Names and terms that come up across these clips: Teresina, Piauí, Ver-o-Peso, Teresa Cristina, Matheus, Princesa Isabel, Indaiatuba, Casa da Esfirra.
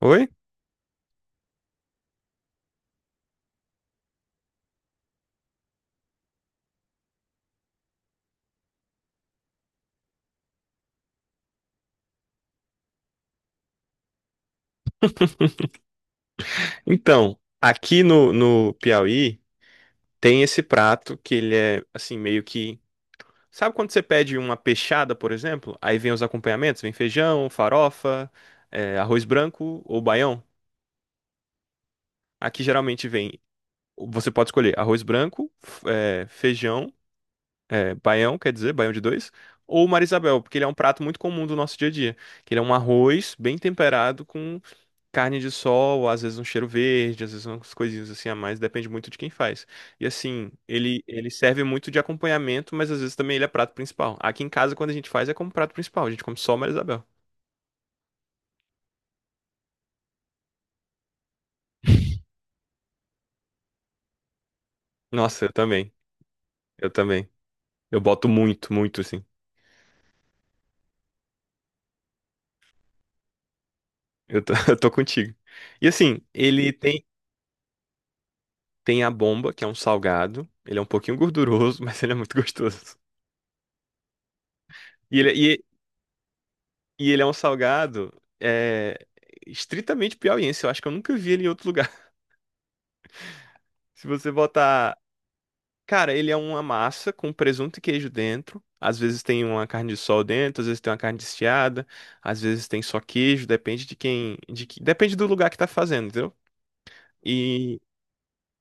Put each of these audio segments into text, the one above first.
Oi? Então, aqui no Piauí tem esse prato que ele é assim meio que. Sabe quando você pede uma peixada, por exemplo? Aí vem os acompanhamentos, vem feijão, farofa, arroz branco ou baião. Aqui geralmente vem, você pode escolher arroz branco, feijão, baião, quer dizer, baião de dois, ou marisabel, porque ele é um prato muito comum do nosso dia a dia, que ele é um arroz bem temperado carne de sol, às vezes um cheiro verde, às vezes umas coisinhas assim a mais, depende muito de quem faz. E assim, ele serve muito de acompanhamento, mas às vezes também ele é prato principal. Aqui em casa, quando a gente faz, é como prato principal, a gente come só Maria Isabel. Nossa, eu também, eu também. Eu boto muito, muito assim. Eu tô, eu tô contigo. E assim, ele tem, tem a bomba, que é um salgado, ele é um pouquinho gorduroso, mas ele é muito gostoso. E ele, é, e, e ele é um salgado é, estritamente piauiense, eu acho que eu nunca vi ele em outro lugar. Se você botar cara, ele é uma massa com presunto e queijo dentro. Às vezes tem uma carne de sol dentro, às vezes tem uma carne desfiada, às vezes tem só queijo, depende de quem, de que, depende do lugar que tá fazendo, entendeu? E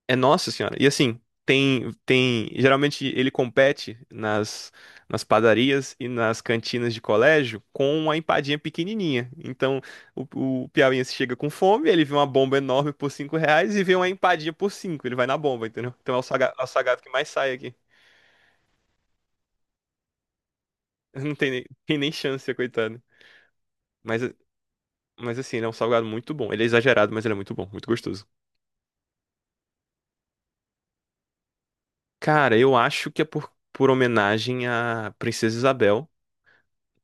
é nossa senhora. E assim, tem, geralmente ele compete nas padarias e nas cantinas de colégio com uma empadinha pequenininha. Então, o piauiense chega com fome, ele vê uma bomba enorme por cinco reais e vê uma empadinha por cinco, ele vai na bomba, entendeu? Então é o é o salgado que mais sai aqui. Não tem nem, tem nem chance, coitado. Mas, mas assim, ele é um salgado muito bom. Ele é exagerado, mas ele é muito bom, muito gostoso. Cara, eu acho que é por homenagem à Princesa Isabel,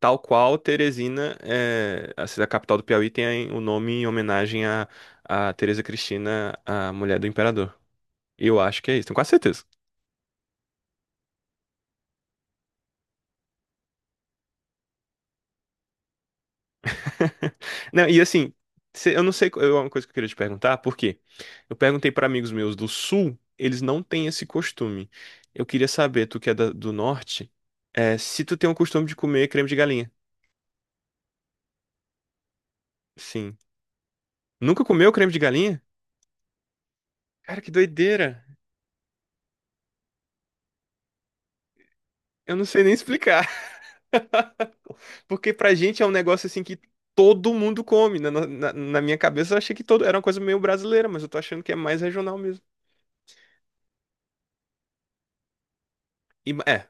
tal qual Teresina, é, a cidade capital do Piauí, tem o nome em homenagem à, à Teresa Cristina, a mulher do imperador. Eu acho que é isso, tenho quase certeza. Não, e assim, eu não sei, é uma coisa que eu queria te perguntar, por quê? Eu perguntei para amigos meus do sul, eles não têm esse costume. Eu queria saber, tu que é do norte, é, se tu tem o costume de comer creme de galinha. Sim. Nunca comeu creme de galinha? Cara, que doideira. Eu não sei nem explicar. Porque pra gente é um negócio assim que todo mundo come. Na minha cabeça eu achei que todo era uma coisa meio brasileira, mas eu tô achando que é mais regional mesmo. E, é,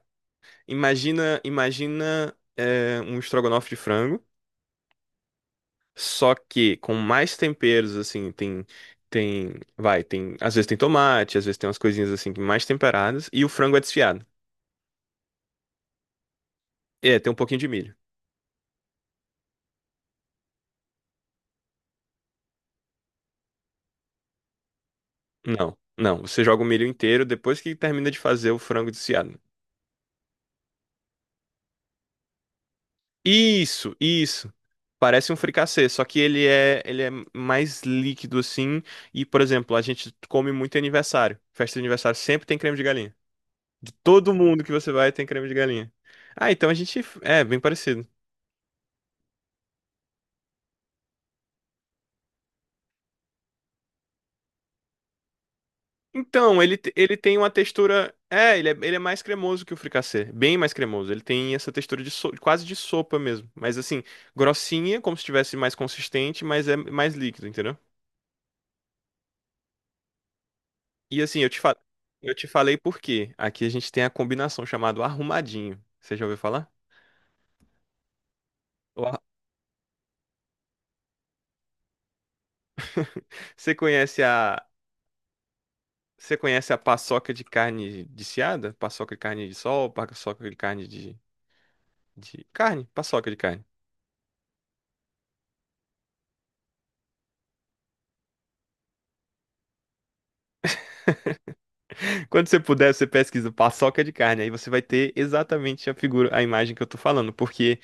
imagina, imagina é, um estrogonofe de frango, só que com mais temperos, assim, tem, tem, vai, tem, às vezes tem tomate, às vezes tem umas coisinhas assim, mais temperadas, e o frango é desfiado. É, tem um pouquinho de milho. Não, não, você joga o milho inteiro depois que termina de fazer o frango desfiado. Isso, isso. Parece um fricassê, só que ele é mais líquido assim, e, por exemplo, a gente come muito em aniversário. Festa de aniversário sempre tem creme de galinha. De todo mundo que você vai tem creme de galinha. Ah, então a gente. É, bem parecido. Então, ele, ele tem uma textura. É, ele é, ele é mais cremoso que o fricassê. Bem mais cremoso. Ele tem essa textura de quase de sopa mesmo. Mas assim, grossinha, como se estivesse mais consistente, mas é mais líquido, entendeu? E assim, eu te falei por quê. Aqui a gente tem a combinação chamada arrumadinho. Você já ouviu falar? O ar- Você conhece a. Você conhece a paçoca de carne de seada? Paçoca de carne de sol, paçoca de carne de carne, paçoca de carne. Quando você puder, você pesquisa paçoca de carne. Aí você vai ter exatamente a figura, a imagem que eu tô falando. Porque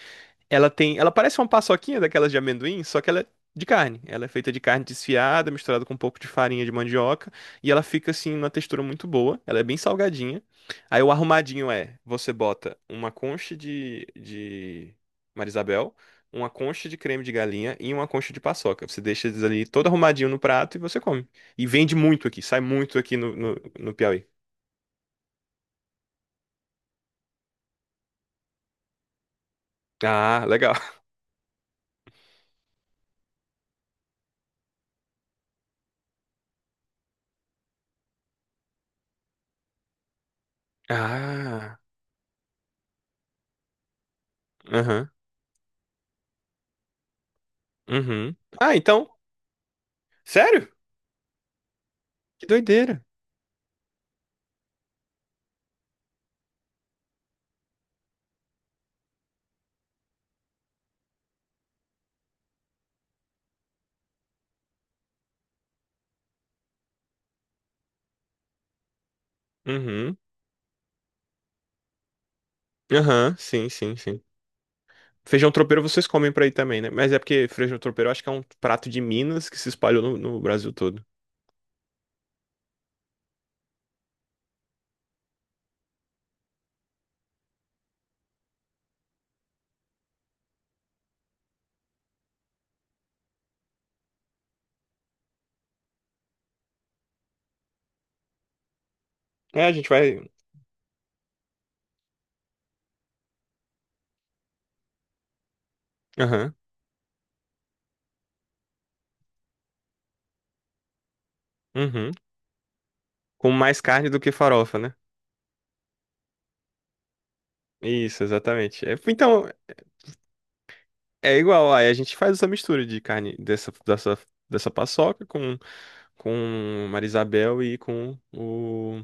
ela tem, ela parece uma paçoquinha daquelas de amendoim, só que ela é de carne. Ela é feita de carne desfiada, misturada com um pouco de farinha de mandioca, e ela fica assim numa textura muito boa. Ela é bem salgadinha. Aí o arrumadinho é, você bota uma concha de Marisabel, uma concha de creme de galinha e uma concha de paçoca. Você deixa eles ali todo arrumadinho no prato e você come. E vende muito aqui, sai muito aqui no Piauí. Ah, legal. Ah, aham, uhum. Ah, então, sério? Que doideira. Uhum. Aham, sim, sim, sim. Feijão tropeiro vocês comem pra aí também, né? Mas é porque feijão tropeiro eu acho que é um prato de Minas que se espalhou no Brasil todo. É, a gente vai. Aham. Uhum. Com mais carne do que farofa, né? Isso, exatamente. É, então, é igual. Aí a gente faz essa mistura de carne dessa paçoca com Marisabel e com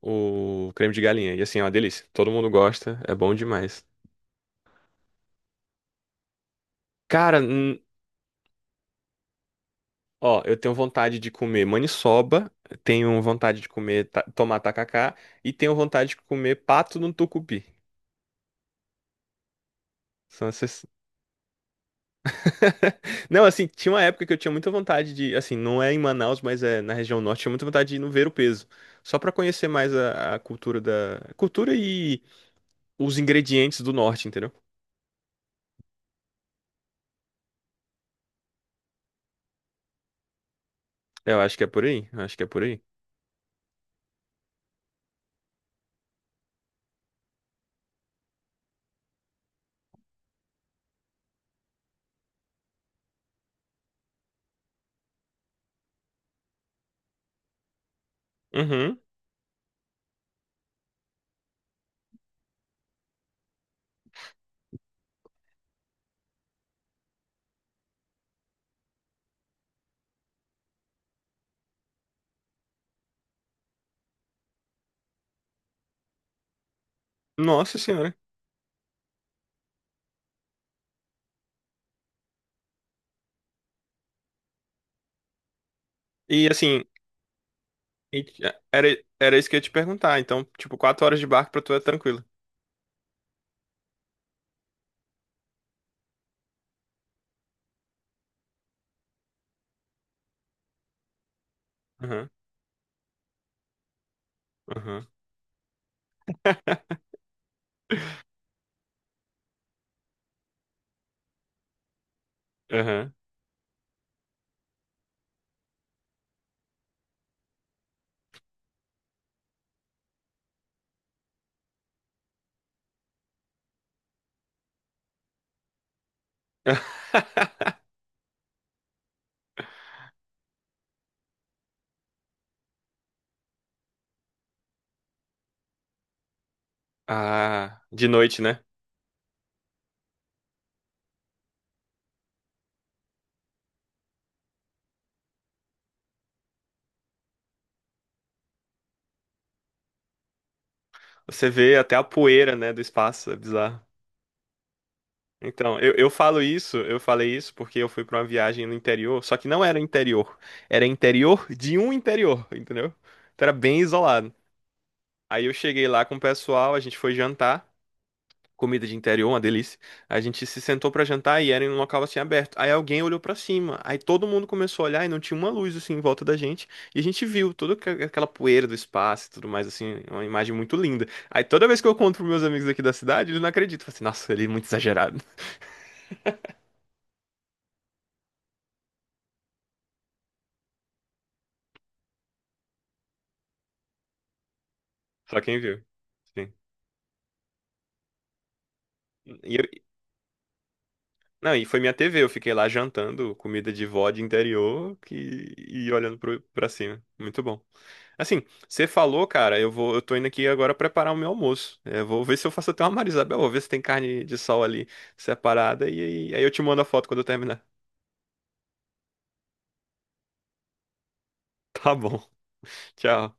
o creme de galinha. E assim, é uma delícia. Todo mundo gosta, é bom demais. Cara, ó, eu tenho vontade de comer maniçoba, tenho vontade de comer ta tomar tacacá e tenho vontade de comer pato no tucupi. São essas... Não, assim, tinha uma época que eu tinha muita vontade de, assim, não é em Manaus, mas é na região norte, tinha muita vontade de ir no Ver-o-Peso, só pra conhecer mais a cultura da cultura e os ingredientes do norte, entendeu? Eu acho que é por aí, eu acho que é por aí. Uhum. Nossa senhora. E assim, era era isso que eu ia te perguntar, então, tipo, quatro horas de barco pra tu é tranquilo. Aham. Aham. Aham. Ah, de noite, né? Você vê até a poeira, né, do espaço, é bizarro. Então, eu falo isso, eu falei isso porque eu fui pra uma viagem no interior, só que não era interior, era interior de um interior, entendeu? Então era bem isolado. Aí eu cheguei lá com o pessoal, a gente foi jantar. Comida de interior, uma delícia. A gente se sentou pra jantar e era em um local assim aberto. Aí alguém olhou pra cima, aí todo mundo começou a olhar e não tinha uma luz assim em volta da gente. E a gente viu toda aquela poeira do espaço e tudo mais assim, uma imagem muito linda. Aí toda vez que eu conto pros meus amigos aqui da cidade, eles não acreditam. Falam assim, nossa, ele é muito exagerado. Só quem viu. Sim. E eu- não, e foi minha TV, eu fiquei lá jantando comida de vó de interior que, e olhando pro, pra cima. Muito bom. Assim, você falou, cara, eu vou, eu tô indo aqui agora preparar o meu almoço. Eu vou ver se eu faço até uma Marisabel, vou ver se tem carne de sol ali separada e aí eu te mando a foto quando eu terminar. Tá bom. Tchau.